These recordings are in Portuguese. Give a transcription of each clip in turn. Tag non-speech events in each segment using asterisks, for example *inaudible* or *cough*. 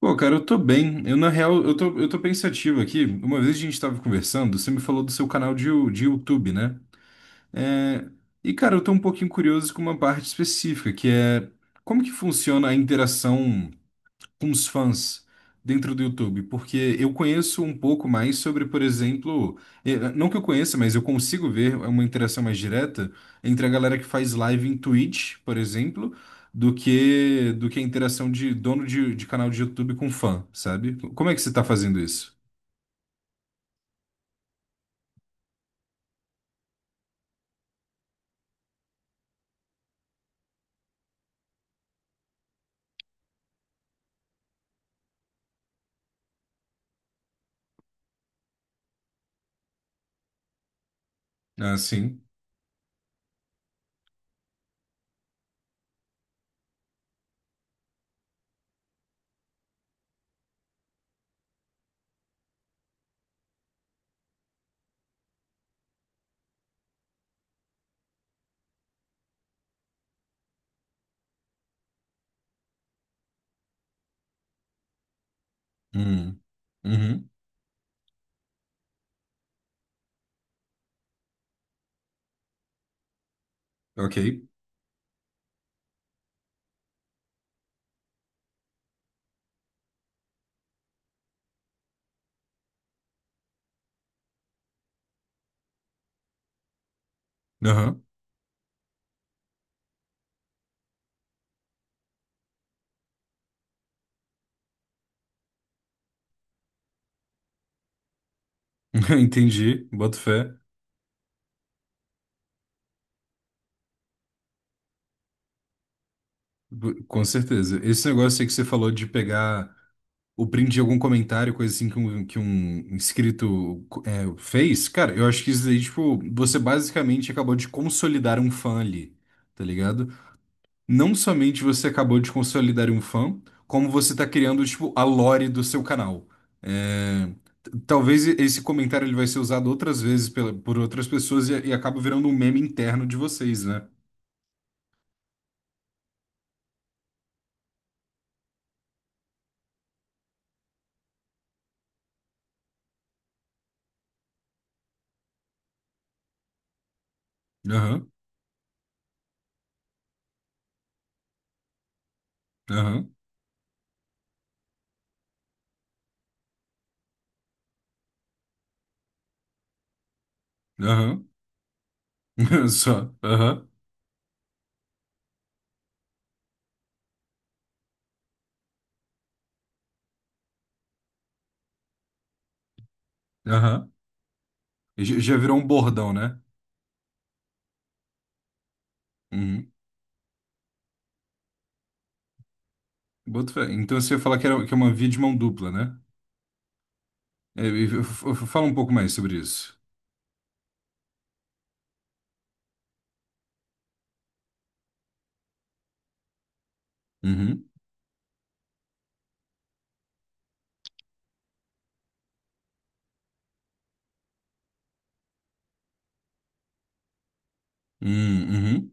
Pô, cara, eu tô bem. Eu, na real, eu tô pensativo aqui. Uma vez a gente tava conversando, você me falou do seu canal de YouTube, né? É. E, cara, eu tô um pouquinho curioso com uma parte específica, que é como que funciona a interação com os fãs dentro do YouTube, porque eu conheço um pouco mais sobre, por exemplo, não que eu conheça, mas eu consigo ver uma interação mais direta entre a galera que faz live em Twitch, por exemplo, do que a interação de dono de canal de YouTube com fã, sabe? Como é que você tá fazendo isso? Ah, sim. Hum. Uhum. Ok. Aham. *laughs* Entendi. Boto fé. Com certeza. Esse negócio aí que você falou de pegar o print de algum comentário, coisa assim que um inscrito fez, cara, eu acho que isso daí, tipo, você basicamente acabou de consolidar um fã ali, tá ligado? Não somente você acabou de consolidar um fã, como você tá criando, tipo, a lore do seu canal. É, talvez esse comentário ele vai ser usado outras vezes pela, por outras pessoas e acaba virando um meme interno de vocês, né? Aham, aham, aham. *laughs* Só, aham, aham. Já já virou um bordão, né? Uhum. Boto fé. Então você ia falar que, era, que é uma via de mão dupla, né? É, e fala um pouco mais sobre isso. Uhum. Hum, uhum.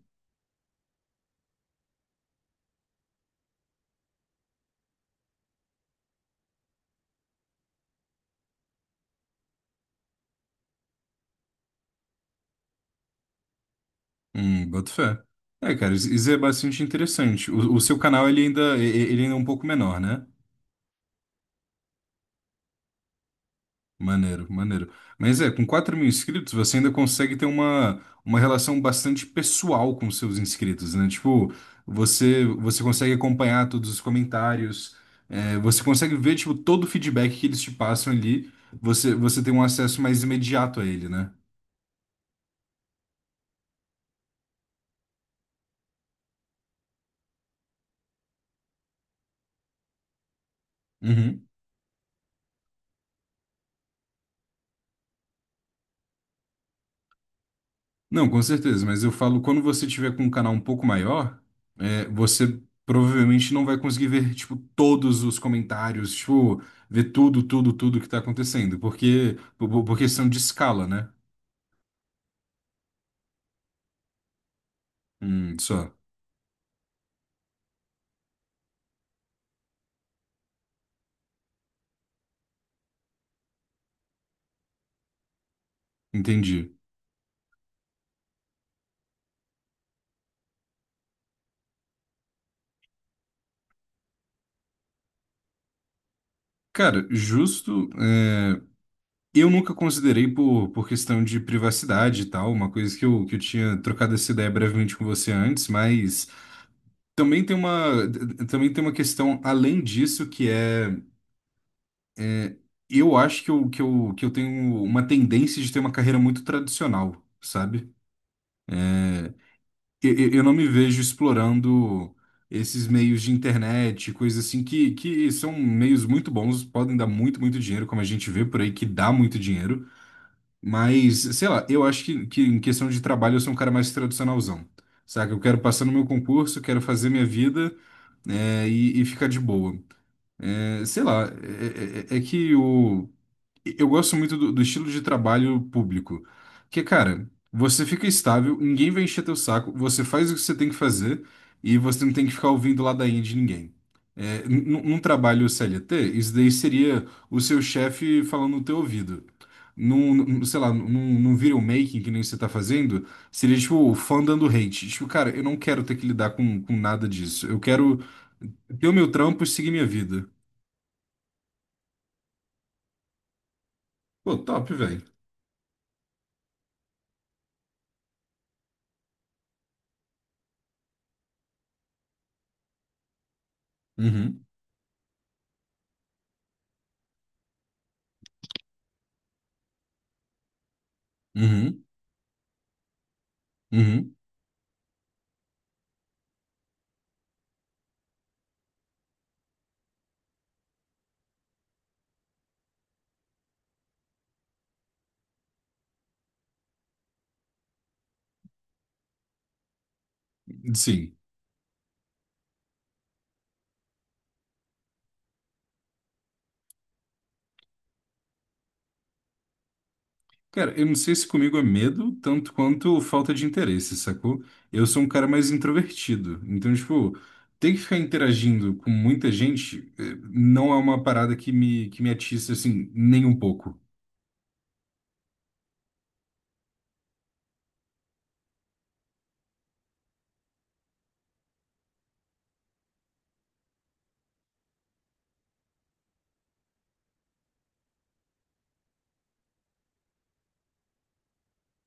Boto fé. É, cara, isso é bastante interessante. O seu canal ele ainda, ele ainda é um pouco menor, né? Maneiro, maneiro. Mas é, com 4 mil inscritos, você ainda consegue ter uma relação bastante pessoal com os seus inscritos, né? Tipo, você consegue acompanhar todos os comentários, é, você consegue ver, tipo, todo o feedback que eles te passam ali, você tem um acesso mais imediato a ele, né? Uhum. Não, com certeza, mas eu falo, quando você tiver com um canal um pouco maior, você provavelmente não vai conseguir ver, tipo, todos os comentários, tipo, ver tudo, tudo, tudo que tá acontecendo, porque, por questão de escala, né? Só, entendi. Cara, justo, eu nunca considerei por questão de privacidade e tal, uma coisa que eu tinha trocado essa ideia brevemente com você antes, mas também tem uma, também tem uma questão além disso que é eu acho que eu tenho uma tendência de ter uma carreira muito tradicional, sabe? Eu não me vejo explorando esses meios de internet, coisas assim, que são meios muito bons, podem dar muito, muito dinheiro, como a gente vê por aí, que dá muito dinheiro. Mas, sei lá, eu acho que em questão de trabalho eu sou um cara mais tradicionalzão, saca? Eu quero passar no meu concurso, quero fazer minha vida, e ficar de boa. É, sei lá, é, é é é que o. Eu gosto muito do estilo de trabalho público, que, cara, você fica estável, ninguém vai encher teu saco, você faz o que você tem que fazer e você não tem que ficar ouvindo ladainha de ninguém. É, num trabalho CLT, isso daí seria o seu chefe falando no teu ouvido. Sei lá, num video making que nem você tá fazendo, seria tipo o fã dando hate. Tipo, cara, eu não quero ter que lidar com nada disso. Eu quero ter o meu trampo e seguir minha vida. Pô, top, velho. Uhum, uhum, uhum. Sim. Cara, eu não sei se comigo é medo tanto quanto falta de interesse, sacou? Eu sou um cara mais introvertido. Então, tipo, ter que ficar interagindo com muita gente não é uma parada que me atiça, assim, nem um pouco.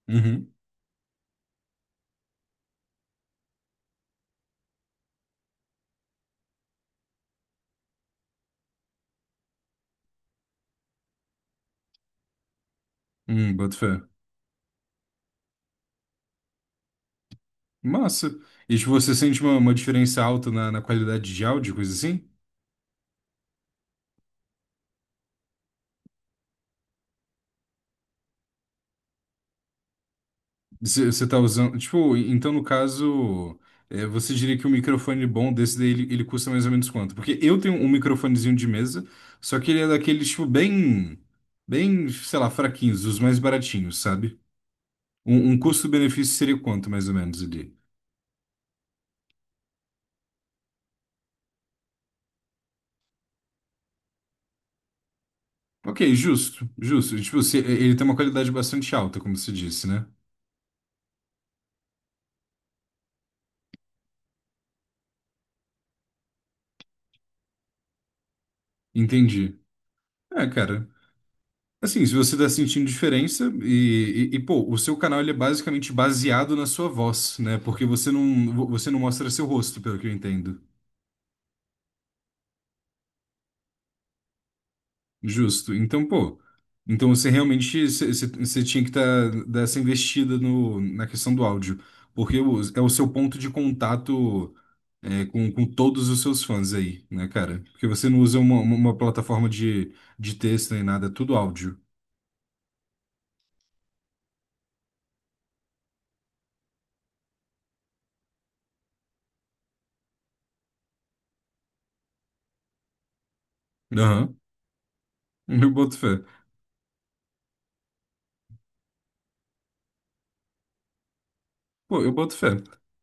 Uhum. Boto fé. Massa. E, tipo, você sente uma, diferença alta na qualidade de áudio, coisa assim? Você tá usando. Tipo, então no caso, você diria que um microfone bom desse daí ele custa mais ou menos quanto? Porque eu tenho um microfonezinho de mesa, só que ele é daqueles, tipo, bem. Bem, sei lá, fraquinhos, os mais baratinhos, sabe? Um custo-benefício seria quanto, mais ou menos, ali? Ok, justo, justo. Tipo, se, ele tem uma qualidade bastante alta, como você disse, né? Entendi. É, cara. Assim, se você tá sentindo diferença e, pô, o seu canal ele é basicamente baseado na sua voz, né? Porque você não mostra seu rosto, pelo que eu entendo. Justo. Então, pô, então você realmente você você- você tinha que tá, dar essa investida no, na questão do áudio, porque é o seu ponto de contato com todos os seus fãs aí, né, cara? Porque você não usa uma, uma plataforma de texto nem nada, é tudo áudio. Aham, *laughs* Eu boto fé. Pô, eu boto fé.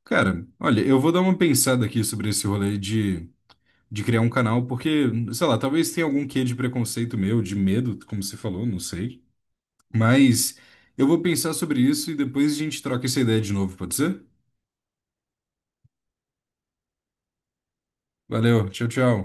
Cara, olha, eu vou dar uma pensada aqui sobre esse rolê de criar um canal, porque, sei lá, talvez tenha algum quê de preconceito meu, de medo, como você falou, não sei. Mas eu vou pensar sobre isso e depois a gente troca essa ideia de novo, pode ser? Valeu, tchau, tchau.